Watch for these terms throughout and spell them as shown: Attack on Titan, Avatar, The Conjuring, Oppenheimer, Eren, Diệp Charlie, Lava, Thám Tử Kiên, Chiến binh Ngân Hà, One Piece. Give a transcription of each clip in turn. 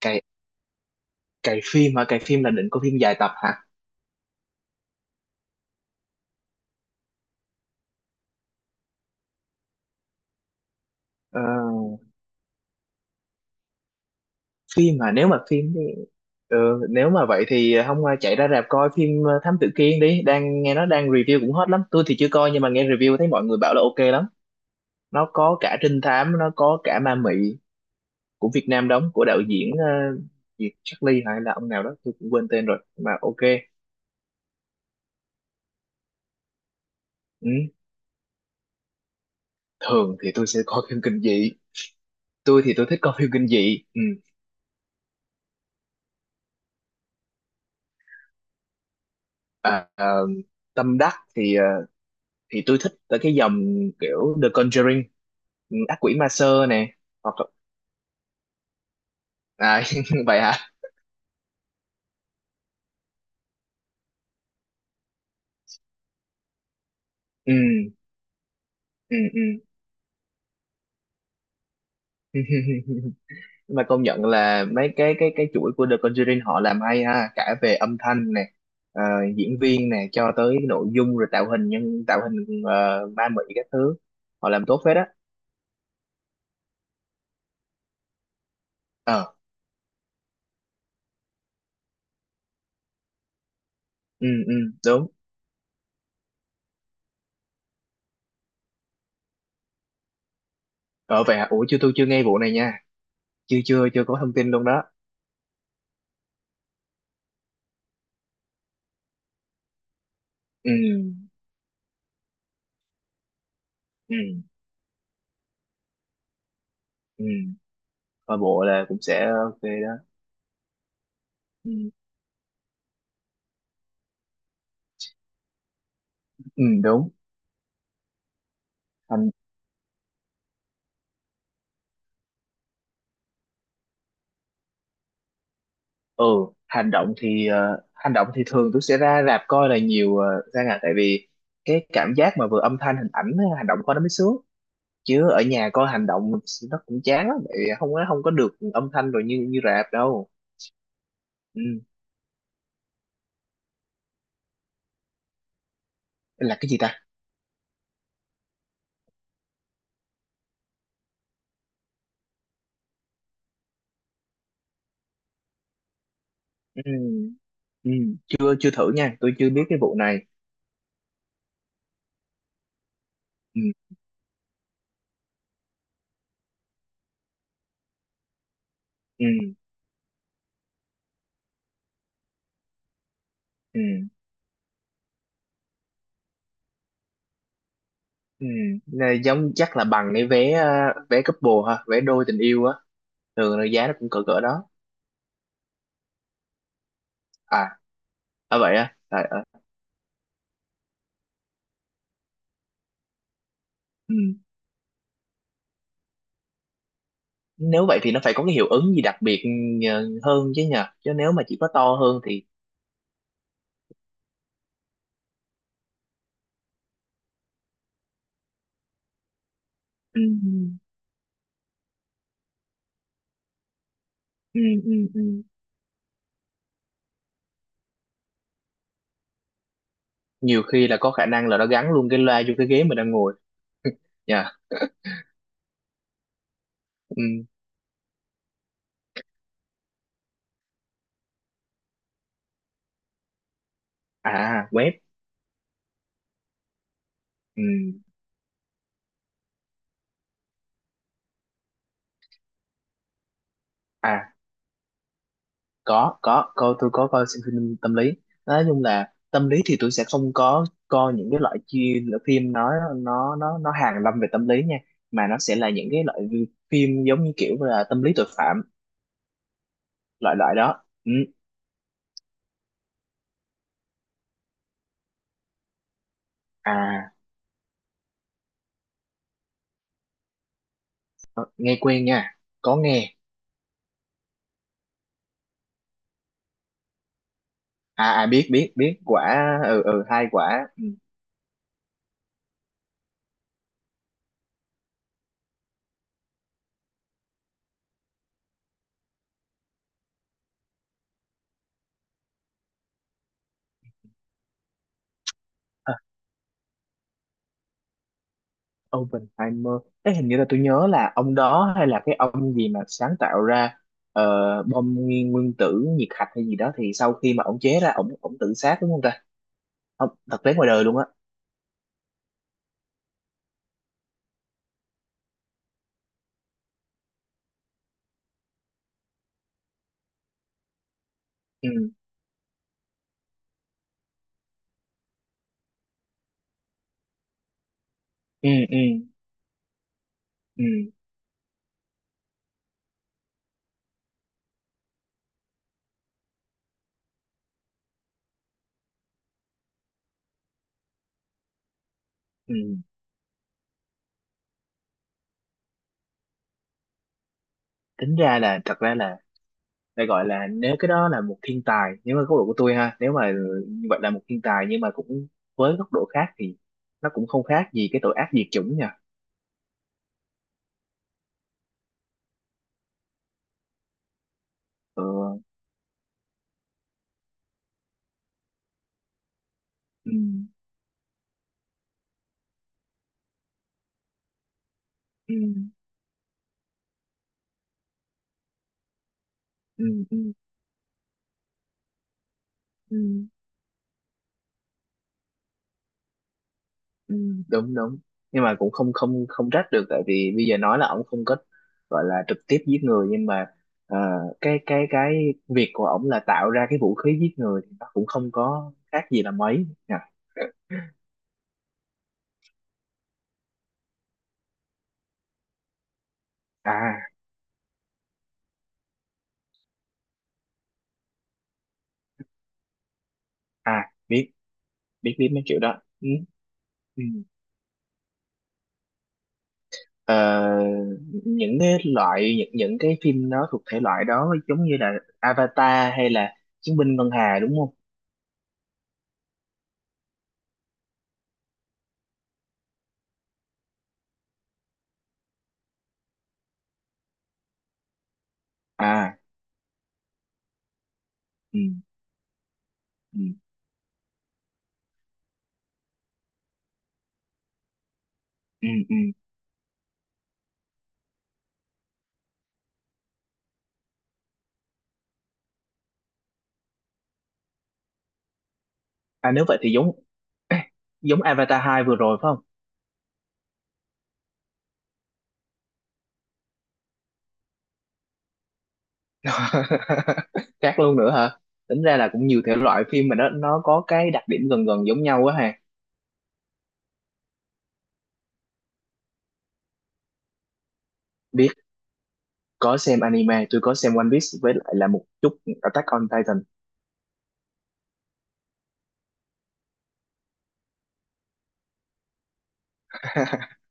Cái cái phim là định có phim dài tập hả? Ờ, phim mà nếu mà phim thì ờ, Nếu mà vậy thì hôm qua chạy ra rạp coi phim Thám Tử Kiên đi, đang nghe nó đang review cũng hot lắm. Tôi thì chưa coi nhưng mà nghe review thấy mọi người bảo là ok lắm. Nó có cả trinh thám, nó có cả ma mị của Việt Nam đóng, của đạo diễn Diệp Charlie hay là ông nào đó, tôi cũng quên tên rồi. Mà ok. Ừ. Thường thì tôi sẽ coi phim kinh dị. Tôi thì tôi thích coi phim kinh dị. Ừ. À, tâm đắc thì thì tôi thích tới cái dòng kiểu The Conjuring. Ừ, ác quỷ ma sơ nè. hoặc là- À, vậy hả? Ừ, ừ, ừ. Nhưng mà công nhận là mấy cái chuỗi của The Conjuring họ làm hay ha, cả về âm thanh nè, ờ, diễn viên nè, cho tới nội dung, rồi tạo hình ma mị các thứ, họ làm tốt phết á. Ờ, ừ, ừ, đúng. Ờ, vậy hả? Ủa, chưa, tôi chưa nghe vụ này nha. Chưa, chưa, chưa có thông tin luôn đó. Ừ, ừ, ừ, coi bộ là cũng sẽ ok đó. Ừ, ừ, đúng. hành ừ, hành động thì thường tôi sẽ ra rạp coi là nhiều, ra ngà tại vì cái cảm giác mà vừa âm thanh hình ảnh với hành động coi nó mới sướng, chứ ở nhà coi hành động nó cũng chán lắm, tại vì không có được âm thanh rồi như như rạp đâu. Ừ. Là cái gì ta? Ừ. Ừ. chưa chưa thử nha, tôi chưa biết cái vụ này. Ừ. Ừ. Ừ. Ừ. Này, giống chắc là bằng cái vé couple ha, vé đôi tình yêu á, thường là giá nó cũng cỡ cỡ đó. À, à, vậy á, à, à. Nếu vậy thì nó phải có cái hiệu ứng gì đặc biệt hơn chứ, nhờ chứ nếu mà chỉ có to hơn thì... Ừ, ừ, ừ, ừ, nhiều khi là có khả năng là nó gắn luôn cái loa vô cái ghế mình đang ngồi nha. Ừ. À, web. Ừ. À, có coi, tôi có coi, xem phim tâm lý. Nói chung là tâm lý thì tôi sẽ không có coi những cái loại phim nó hàn lâm về tâm lý nha, mà nó sẽ là những cái loại phim giống như kiểu là tâm lý tội phạm, loại loại đó. Ừ. À. Ờ, nghe quen nha, có nghe. À, à, biết biết biết quả, ừ, ừ, 2 quả. À, Oppenheimer. Ê, hình như là tôi nhớ là ông đó, hay là cái ông gì mà sáng tạo ra ờ, bom nguyên nguyên tử nhiệt hạch hay gì đó, thì sau khi mà ông chế ra, ông tự sát đúng không ta? Không, thật tế ngoài đời luôn á? Ừ, ừ, ừ, ừ, ừ, tính ra là thật ra là để gọi là, nếu cái đó là một thiên tài, nếu mà góc độ của tôi ha, nếu mà như vậy là một thiên tài, nhưng mà cũng với góc độ khác thì nó cũng không khác gì cái tội ác diệt chủng nha. Ờ, ừ, ừ, ừ, ừ, ừ, ừ, đúng, đúng. Nhưng mà cũng không không không trách được, tại vì bây giờ nói là ổng không có gọi là trực tiếp giết người, nhưng mà ờ, cái việc của ổng là tạo ra cái vũ khí giết người thì nó cũng không có khác gì là mấy nha. À, à, biết biết biết mấy kiểu đó. Ừ, ừ. Ờ, những cái phim đó thuộc thể loại đó giống như là Avatar hay là Chiến binh Ngân Hà đúng không? À, ừ, ừ, ừ, ừ. À nếu vậy thì giống Avatar 2 vừa rồi phải không? Khác luôn nữa hả? Tính ra là cũng nhiều thể loại phim mà nó có cái đặc điểm gần gần giống nhau quá ha. Biết, có xem anime, tôi có xem One Piece với lại là một chút Attack on Titan.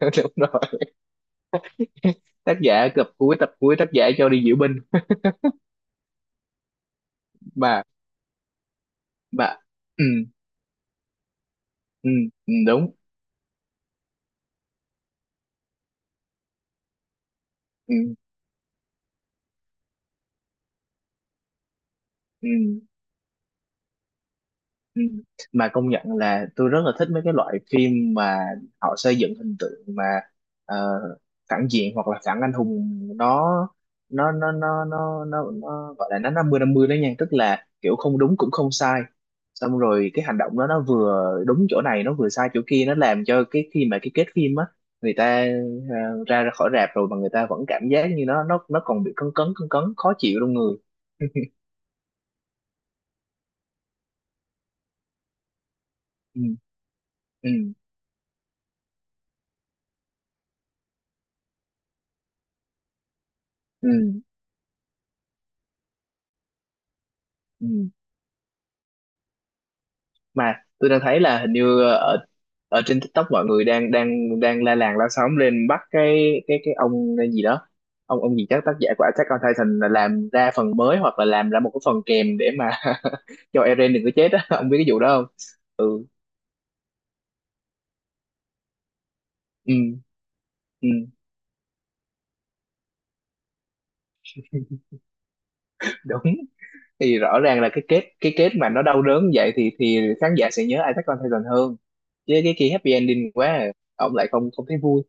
Đúng rồi. Tác giả cập cuối tập cuối tác giả cho đi diễu binh mà. Mà, ừ, ừ, ừ, đúng, ừ, ừ, ừ. Mà công nhận là tôi rất là thích mấy cái loại phim mà họ xây dựng hình tượng mà ờ, phản diện hoặc là phản anh hùng, nó, nó gọi là nó 50-50 đó nha, tức là kiểu không đúng cũng không sai, xong rồi cái hành động đó nó vừa đúng chỗ này nó vừa sai chỗ kia, nó làm cho cái khi mà cái kết phim á, người ta ra ra khỏi rạp rồi mà người ta vẫn cảm giác như nó còn bị cấn cấn cấn cấn khó chịu trong người. Ừ, ừ, ừ, ừ. Mà tôi đang thấy là hình như ở ở trên TikTok mọi người đang đang đang la làng la xóm lên bắt cái ông gì đó, ông gì chắc tác giả của Attack on Titan, là làm ra phần mới hoặc là làm ra một cái phần kèm để mà cho Eren đừng có chết á, ông biết cái vụ đó không? Ừ, ừ, ừ, đúng, thì rõ ràng là cái kết mà nó đau đớn vậy thì khán giả sẽ nhớ Attack on Titan hơn, chứ cái kia happy ending quá à. Ông lại không không thấy vui.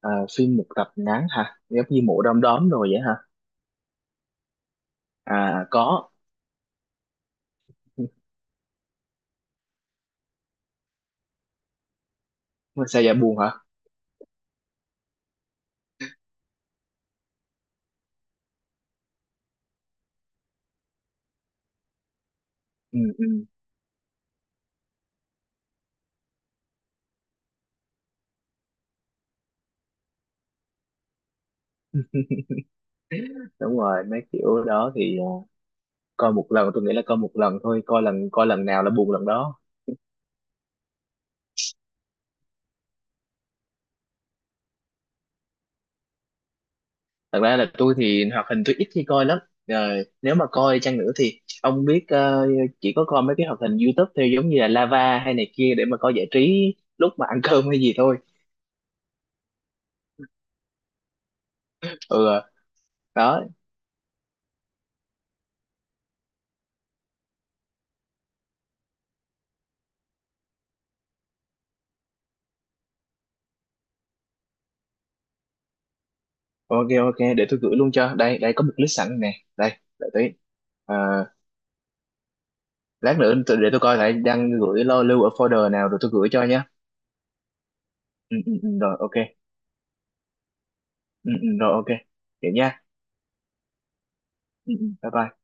À, phim một tập ngắn hả? Giống như mộ đom đóm rồi vậy hả? À, có. Sao dạ buồn hả? Ừ, ừ. Đúng rồi, mấy kiểu đó thì coi một lần, tôi nghĩ là coi một lần thôi, coi lần nào là buồn lần đó. Thật ra là tôi thì hoạt hình tôi ít khi coi lắm. Rồi, nếu mà coi chăng nữa thì ông biết chỉ có coi mấy cái hoạt hình YouTube theo giống như là Lava hay này kia để mà coi giải trí lúc mà ăn cơm hay gì thôi. Ừ, đó. Ok, ok, để tôi gửi luôn cho. Đây, đây có một list sẵn nè. Đây, đợi tí. Ờ, lát nữa để tôi coi lại đang gửi lưu ở folder nào rồi tôi gửi cho nhé. Ừ, ừ, ừ, rồi ok. Ừ, ừ, rồi ok vậy nha. Ừ, ừ. Bye bye.